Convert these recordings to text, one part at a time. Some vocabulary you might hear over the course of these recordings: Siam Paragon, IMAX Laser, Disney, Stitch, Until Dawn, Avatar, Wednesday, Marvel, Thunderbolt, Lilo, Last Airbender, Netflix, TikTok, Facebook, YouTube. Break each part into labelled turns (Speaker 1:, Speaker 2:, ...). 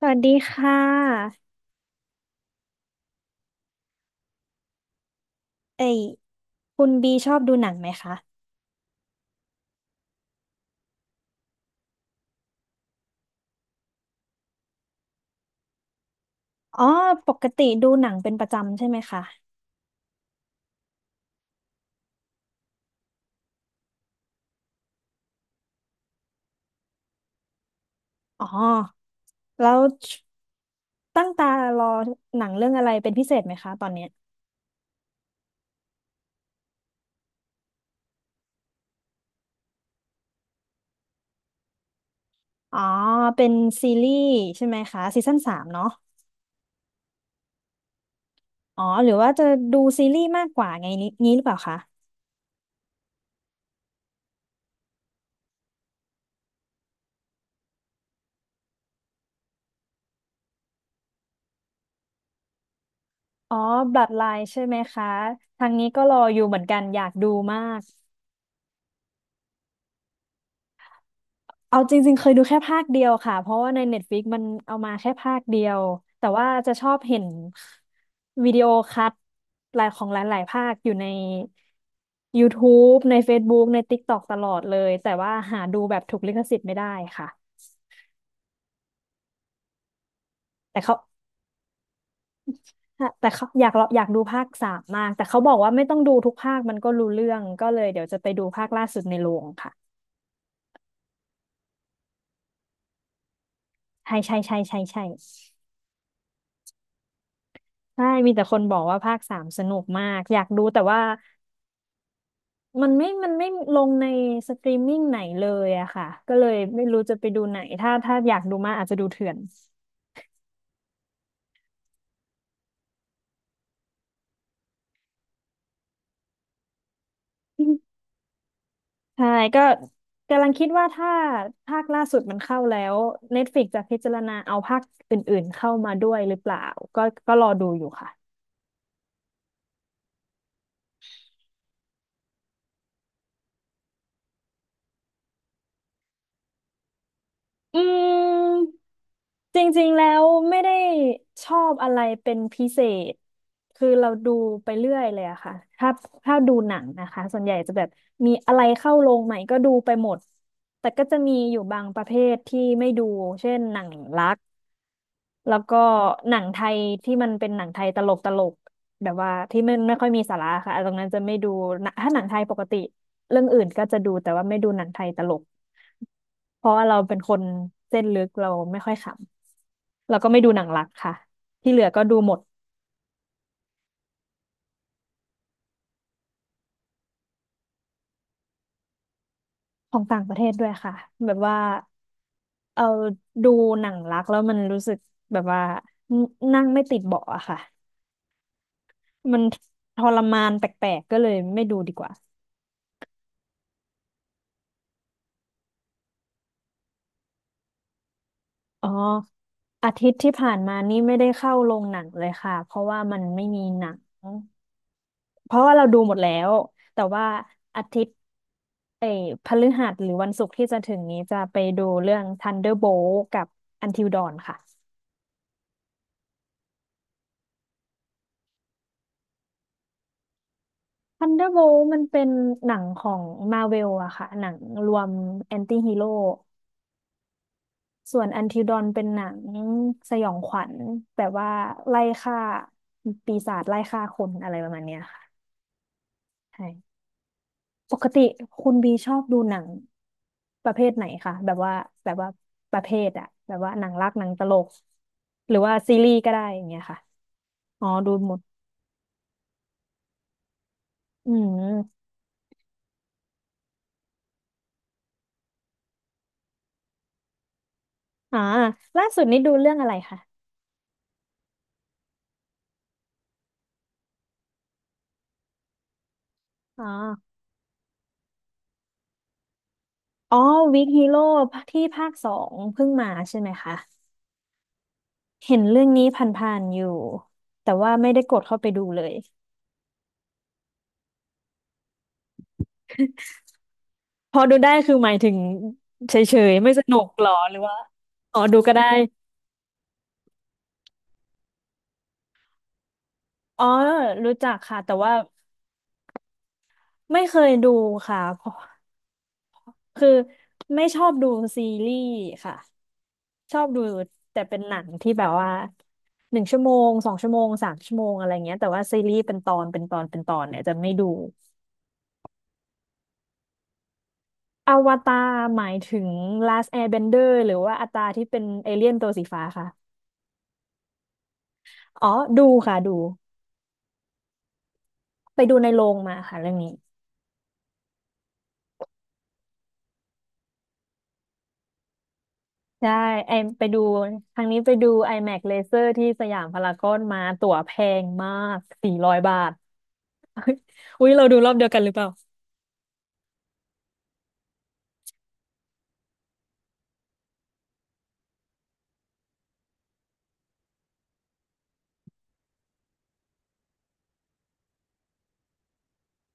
Speaker 1: สวัสดีค่ะเอ้ยคุณบีชอบดูหนังไหมคะ อ๋อ ปกติดูหนังเป็นประจำใช่ไหมคะอ๋อแล้วตั้งตารอหนังเรื่องอะไรเป็นพิเศษไหมคะตอนเนี้ยอ๋อเป็นซีรีส์ใช่ไหมคะซีซั่นสามเนาะอ๋อ หรือว่าจะดูซีรีส์มากกว่าไงนี้หรือเปล่าคะ อ๋อบ l o o d l i n e ใช่ไหมคะทางนี้ก็รออยู่เหมือนกันอยากดูมาก เอาจริงๆเคยดูแค่ภาคเดียวค่ะเพราะว่าใน Netflix มันเอามาแค่ภาคเดียวแต่ว่าจะชอบเห็นวิดีโอคัทหลายของหลายๆภาคอยู่ใน YouTube ใน Facebook ใน TikTok ตอกตลอดเลยแต่ว่าหาดูแบบถูกลิขสิทธิ์ไม่ได้ค่ะแต่เขาแต่เขาอยากดูภาคสามมากแต่เขาบอกว่าไม่ต้องดูทุกภาคมันก็รู้เรื่องก็เลยเดี๋ยวจะไปดูภาคล่าสุดในโรงค่ะใช่ใช่ใช่ใช่ใช่ใช่มีแต่คนบอกว่าภาคสามสนุกมากอยากดูแต่ว่า มันไม่ลงในสตรีมมิ่งไหนเลยอะค่ะก็เลยไม่รู้จะไปดูไหนถ้าอยากดูมากอาจจะดูเถื่อนใช่ก็กำลังคิดว่าถ้าภาคล่าสุดมันเข้าแล้ว Netflix จะพิจารณาเอาภาคอื่นๆเข้ามาด้วยหรือเปล่าก็ก็รอดูอยู่ค่ะอืม จริงๆ แล้วไม่ได้ชอบอะไรเป็นพิเศษคือเราดูไปเรื่อยเลยอะค่ะถ้าถ้าดูหนังนะคะส่วนใหญ่จะแบบมีอะไรเข้าโรงใหม่ก็ดูไปหมดแต่ก็จะมีอยู่บางประเภทที่ไม่ดูเช่นหนังรัก แล้วก็หนังไทยที่มันเป็นหนังไทยตลกตลกแบบว่าที่ไม่ค่อยมีสาระค่ะตรงนั้นจะไม่ดูนะถ้าหนังไทยปกติเรื่องอื่นก็จะดูแต่ว่าไม่ดูหนังไทยตลกเพราะว่าเราเป็นคนเส้นลึกเราไม่ค่อยขำแล้วก็ไม่ดูหนังรักค่ะที่เหลือก็ดูหมดของต่างประเทศด้วยค่ะแบบว่าเอาดูหนังรักแล้วมันรู้สึกแบบว่านั่งไม่ติดเบาะอะค่ะมันทรมานแปลกๆก็เลยไม่ดูดีกว่า อ๋ออาทิตย์ที่ผ่านมานี่ไม่ได้เข้าโรงหนังเลยค่ะเพราะว่ามันไม่มีหนังเพราะว่าเราดูหมดแล้วแต่ว่าอาทิตย์เอ้ยพฤหัสหรือวันศุกร์ที่จะถึงนี้จะไปดูเรื่อง Thunderbolt กับ Until Dawn ค่ะ Thunderbolt มันเป็นหนังของ Marvel อะค่ะหนังรวมแอนตี้ฮีโร่ส่วน Until Dawn เป็นหนังสยองขวัญแบบว่าไล่ฆ่าปีศาจไล่ฆ่าคนอะไรประมาณเนี้ยค่ะใช่ ปกติคุณบีชอบดูหนังประเภทไหนคะแบบว่าแบบว่าประเภทอะแบบว่าหนังรักหนังตลกหรือว่าซีรีส์ก็ได้อย่างเงี้ยค่ะอ๋อดูหมดอืมอ่าล่าสุดนี้ดูเรื่องอะไรคะอ๋ออ๋อวิกฮีโร่ที่ภาคสองเพิ่งมาใช่ไหมคะเห็นเรื่องนี้ผ่านๆอยู่แต่ว่าไม่ได้กดเข้าไปดูเลยพอดูได้คือหมายถึงเฉยๆไม่สนุกหรอหรือว่าอ๋อดูก็ได้อ๋อรู้จักค่ะแต่ว่า ไม่เคยดูค่ะเพราะคือไม่ชอบดูซีรีส์ค่ะ ชอบดูแต่เป็นหนังที่แบบว่า1 ชั่วโมง2 ชั่วโมงสามชั่วโมงอะไรเงี้ยแต่ว่าซีรีส์เป็นตอนเนี่ยจะไม่ดูอวตารหมายถึง Last Airbender หรือว่าอวตารที่เป็นเอเลี่ยนตัวสีฟ้าค่ะอ๋อ ดูค่ะดูไปดูในโรงมาค่ะเรื่องนี้ใช่ไอไปดูครั้งนี้ไปดู IMAX Laser ที่สยามพารากอนมาตั๋วแพงมาก400 บาท อุ๊ยเราดูรอบเดียวกันหรือเปล่า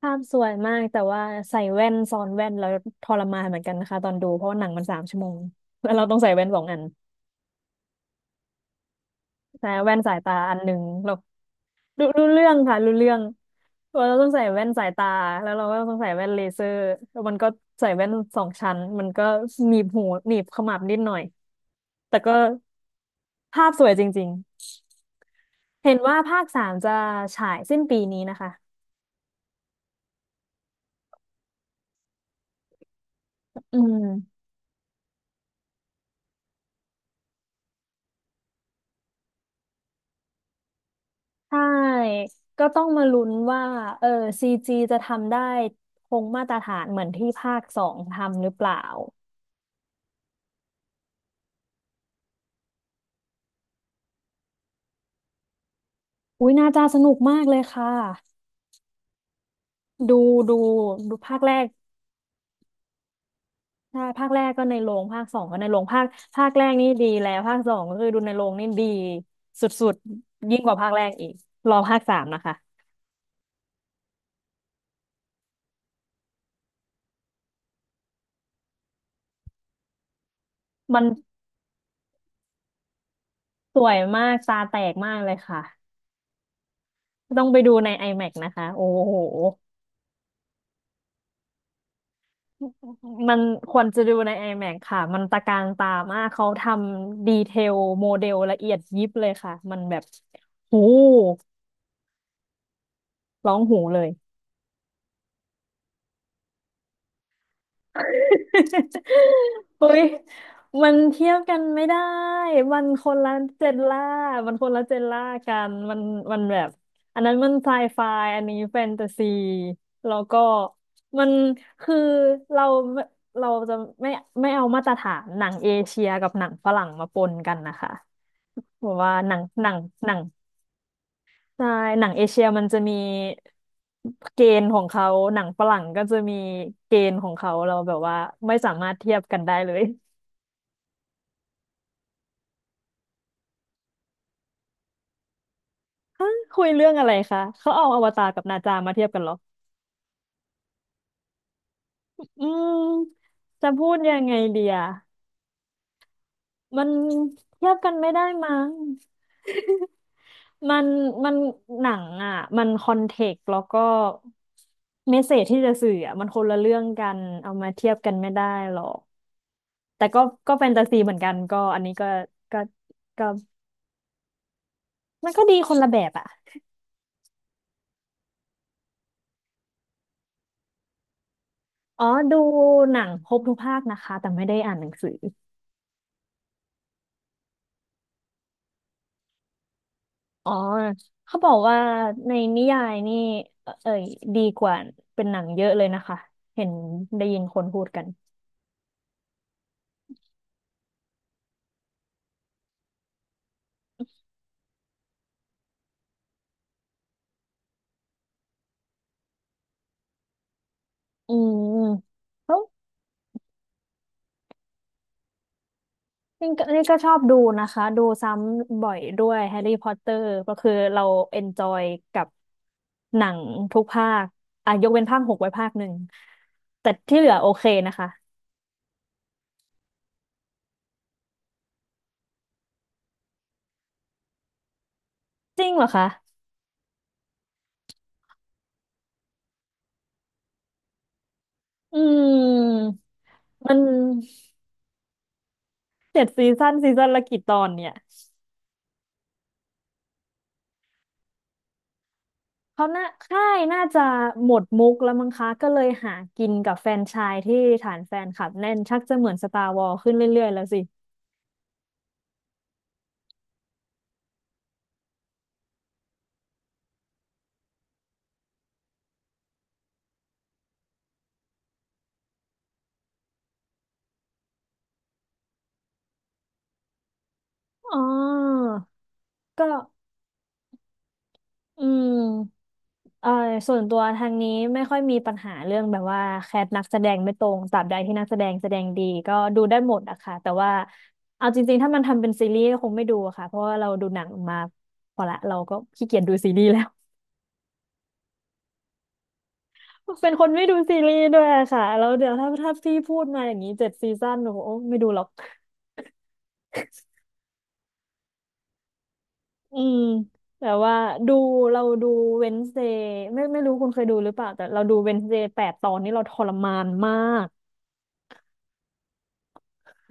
Speaker 1: ภาพสวยมากแต่ว่าใส่แว่นซ้อนแว่นแล้วทรมานเหมือนกันนะคะตอนดูเพราะว่าหนังมันสามชั่วโมงแล้วเราต้องใส่แว่นสองอันแต่แว่นสายตาอันหนึ่งเราดูรู้เรื่องค่ะรู้เรื่องว่าเราต้องใส่แว่นสายตาแล้วเราก็ต้องใส่แว่นเลเซอร์แล้วมันก็ใส่แว่นสองชั้นมันก็หนีบหูหนีบขมับนิดหน่อยแต่ก็ภาพสวยจริงๆเห็นว่าภาคสามจะฉายสิ้นปีนี้นะคะอืม ใช่ ก็ต้องมาลุ้นว่าเออซีจีจะทำได้คงมาตรฐานเหมือนที่ภาคสองทำหรือเปล่า อุ้ยน่าจะสนุกมากเลยค่ะ ดูดูดูภาคแรกใช่ภาคแรกก็ในโรงภาคสองก็ในโรงภาคแรกนี่ดีแล้วภาคสองก็คือดูในโรงนี่ดีสุดๆยิ่งกว่าภาคแรกอีกรอภาคสามนะคะมันสวยมากตาแตกมากเลยค่ะต้องไปดูใน IMAX นะคะโอ้โห มันควรจะดูใน iMac ค่ะ มันตะการตามาก เขาทำดีเทลโมเดลละเอียดยิบเลยค่ะ มันแบบหูร้องหูเลย เฮ้ย มันเทียบกันไม่ได้ มันคนละเจนล่ามันคนละเจนล่ากันมัน มันแบบ อันนั้นมันไซไฟ อันนี้แฟนตาซี แล้วก็ มันคือเราเราจะไม่ไม่เอามาตรฐานหนังเอเชียกับหนังฝรั่งมาปนกันนะคะบอรว่าหนังหนัง ใช่หนังเอเชียมันจะมีเกณฑ์ของเขาหนังฝรั่งก็จะมีเกณฑ์ของเขาเราแบบว่าไม่สามารถเทียบกันได้เลย ฮะคุยเรื่องอะไรคะเขาเอาอวตารกับนาจามาเทียบกันเหรออืมจะพูดยังไงดีอะมันเทียบกันไม่ได้มั้ง มันมันหนังอ่ะมันคอนเทกต์แล้วก็เมสเสจที่จะสื่ออ่ะมันคนละเรื่องกันเอามาเทียบกันไม่ได้หรอก แต่ก็ก็แฟนตาซีเหมือนกันก็อันนี้ก็ก็มันก็ดีคนละแบบอ่ะอ๋อดูหนังครบทุกภาคนะคะแต่ไม่ได้อ่านหนังสืออ๋อเขาบอกว่าในนิยายนี่เอ่ยดีกว่าเป็นหนังเยอะเลยนะคะเห็นได้ยินคนพูดกันอืม นี่ก็ชอบดูนะคะดูซ้ำบ่อยด้วยแฮร์รี่พอตเตอร์ก็คือเราเอนจอยกับหนังทุกภาคอ่ะยกเว้นภาคหกไว้ภาคหนึ่งแต่ที่เหลือโอเคนะคะจริงเหรอคะอืมมันเจ็ดซีซั่นซีซั่นละกี่ตอนเนี่ยเขาค่ายน่าจะหมดมุกแล้วมั้งคะก็เลยหากินกับแฟรนไชายที่ฐานแฟนคลับแน่นชักจะเหมือนสตาร์วอ s ขึ้นเรื่อยๆแล้วสิอ๋อก็อืม เอ่อส่วนตัวทางนี้ไม่ค่อยมีปัญหาเรื่องแบบว่าแคสนักแสดงไม่ตรงตราบใดที่นักแสดงแสดงดีก็ดูได้หมดอะค่ะแต่ว่าเอาจริงๆถ้ามันทำเป็นซีรีส์ก็คงไม่ดูอะค่ะเพราะว่าเราดูหนังมาพอละเราก็ขี้เกียจดูซีรีส์แล้ว เป็นคนไม่ดูซีรีส์ด้วยอะค่ะแล้วเดี๋ยวถ้าพี่พูดมาอย่างนี้เจ็ดซีซั่นหนูโอ้ไม่ดูหรอกอืมแต่ว่าดูเราดูเวน e เ d ย์ไม่รู้คุณเคยดูหรือเปล่าแต่เราดูเวน e เ d ย์แปดตอนนี้เราทรมานมาก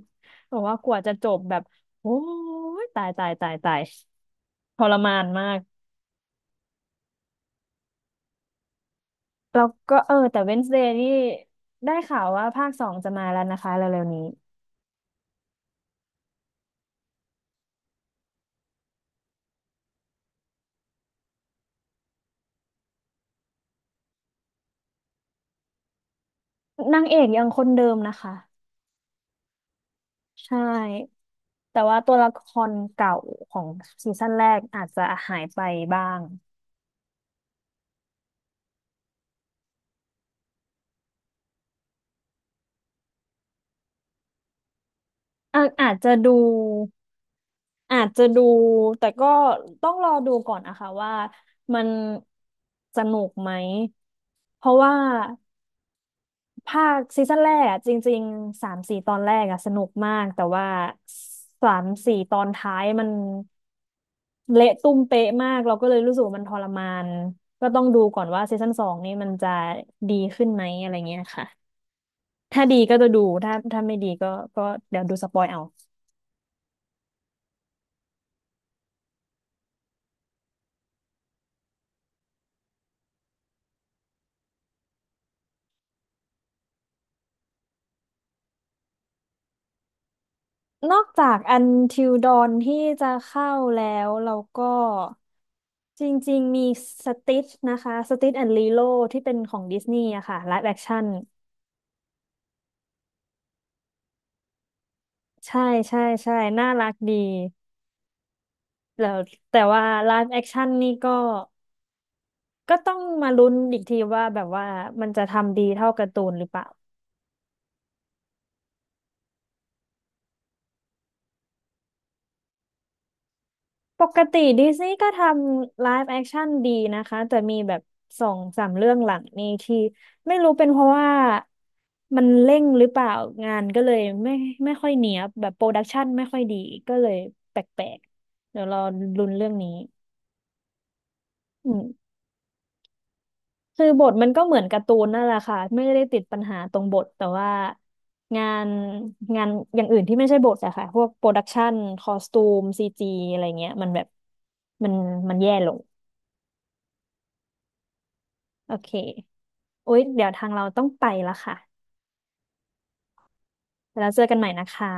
Speaker 1: บอกว่ากว่าจะจบแบบโอ้ยตายตายตายตายทรมานมากแล้วก็เออแต่ Wednesday นี่ได้ข่าวว่าภาคสองจะมาแล้วนะคะเร็วๆนี้นางเอกยังคนเดิมนะคะใช่แต่ว่าตัวละครเก่าของซีซั่นแรกอาจจะหายไปบ้างอาจจะดูอาจจะดูแต่ก็ต้องรอดูก่อนนะคะว่ามันสนุกไหมเพราะว่า ภาคซีซั่นแรกอะจริงๆสามสี่ตอนแรกอะสนุกมากแต่ว่าสามสี่ตอนท้ายมันเละตุ้มเป๊ะมากเราก็เลยรู้สึกว่ามันทรมานก็ต้องดูก่อนว่าซีซั่นสองนี่มันจะดีขึ้นไหมอะไรเงี้ยค่ะถ้าดีก็จะดูถ้าไม่ดีก็ก็เดี๋ยวดูสปอยเอานอกจาก Until Dawn ที่จะเข้าแล้วเราก็จริงๆมี Stitch นะคะ Stitch and Lilo ที่เป็นของดิสนีย์อะค่ะไลฟ์แอคชั่น ใช่ใช่ใช่น่ารักดีแล้วแต่ว่าไลฟ์แอคชั่นนี่ก็ก็ต้องมาลุ้นอีกทีว่าแบบว่ามันจะทำดีเท่าการ์ตูนหรือเปล่าปกติดิสนีย์ก็ทำไลฟ์แอคชั่นดีนะคะแต่มีแบบสองสามเรื่องหลังนี่ที่ไม่รู้เป็นเพราะว่ามันเร่งหรือเปล่างานก็เลยไม่ค่อยเนียบแบบโปรดักชันไม่ค่อยดีก็เลยแปลกๆเดี๋ยวรอลุ้นเรื่องนี้อืม คือบทมันก็เหมือนการ์ตูนนั่นแหละค่ะไม่ได้ติดปัญหาตรงบทแต่ว่างานงานอย่างอื่นที่ไม่ใช่บทอะค่ะพวกโปรดักชันคอสตูมซีจีอะไรเงี้ยมันแบบมันมันแย่ลงโอเคโอ๊ยเดี๋ยวทางเราต้องไปละค่ะแล้วเจอกันใหม่นะคะ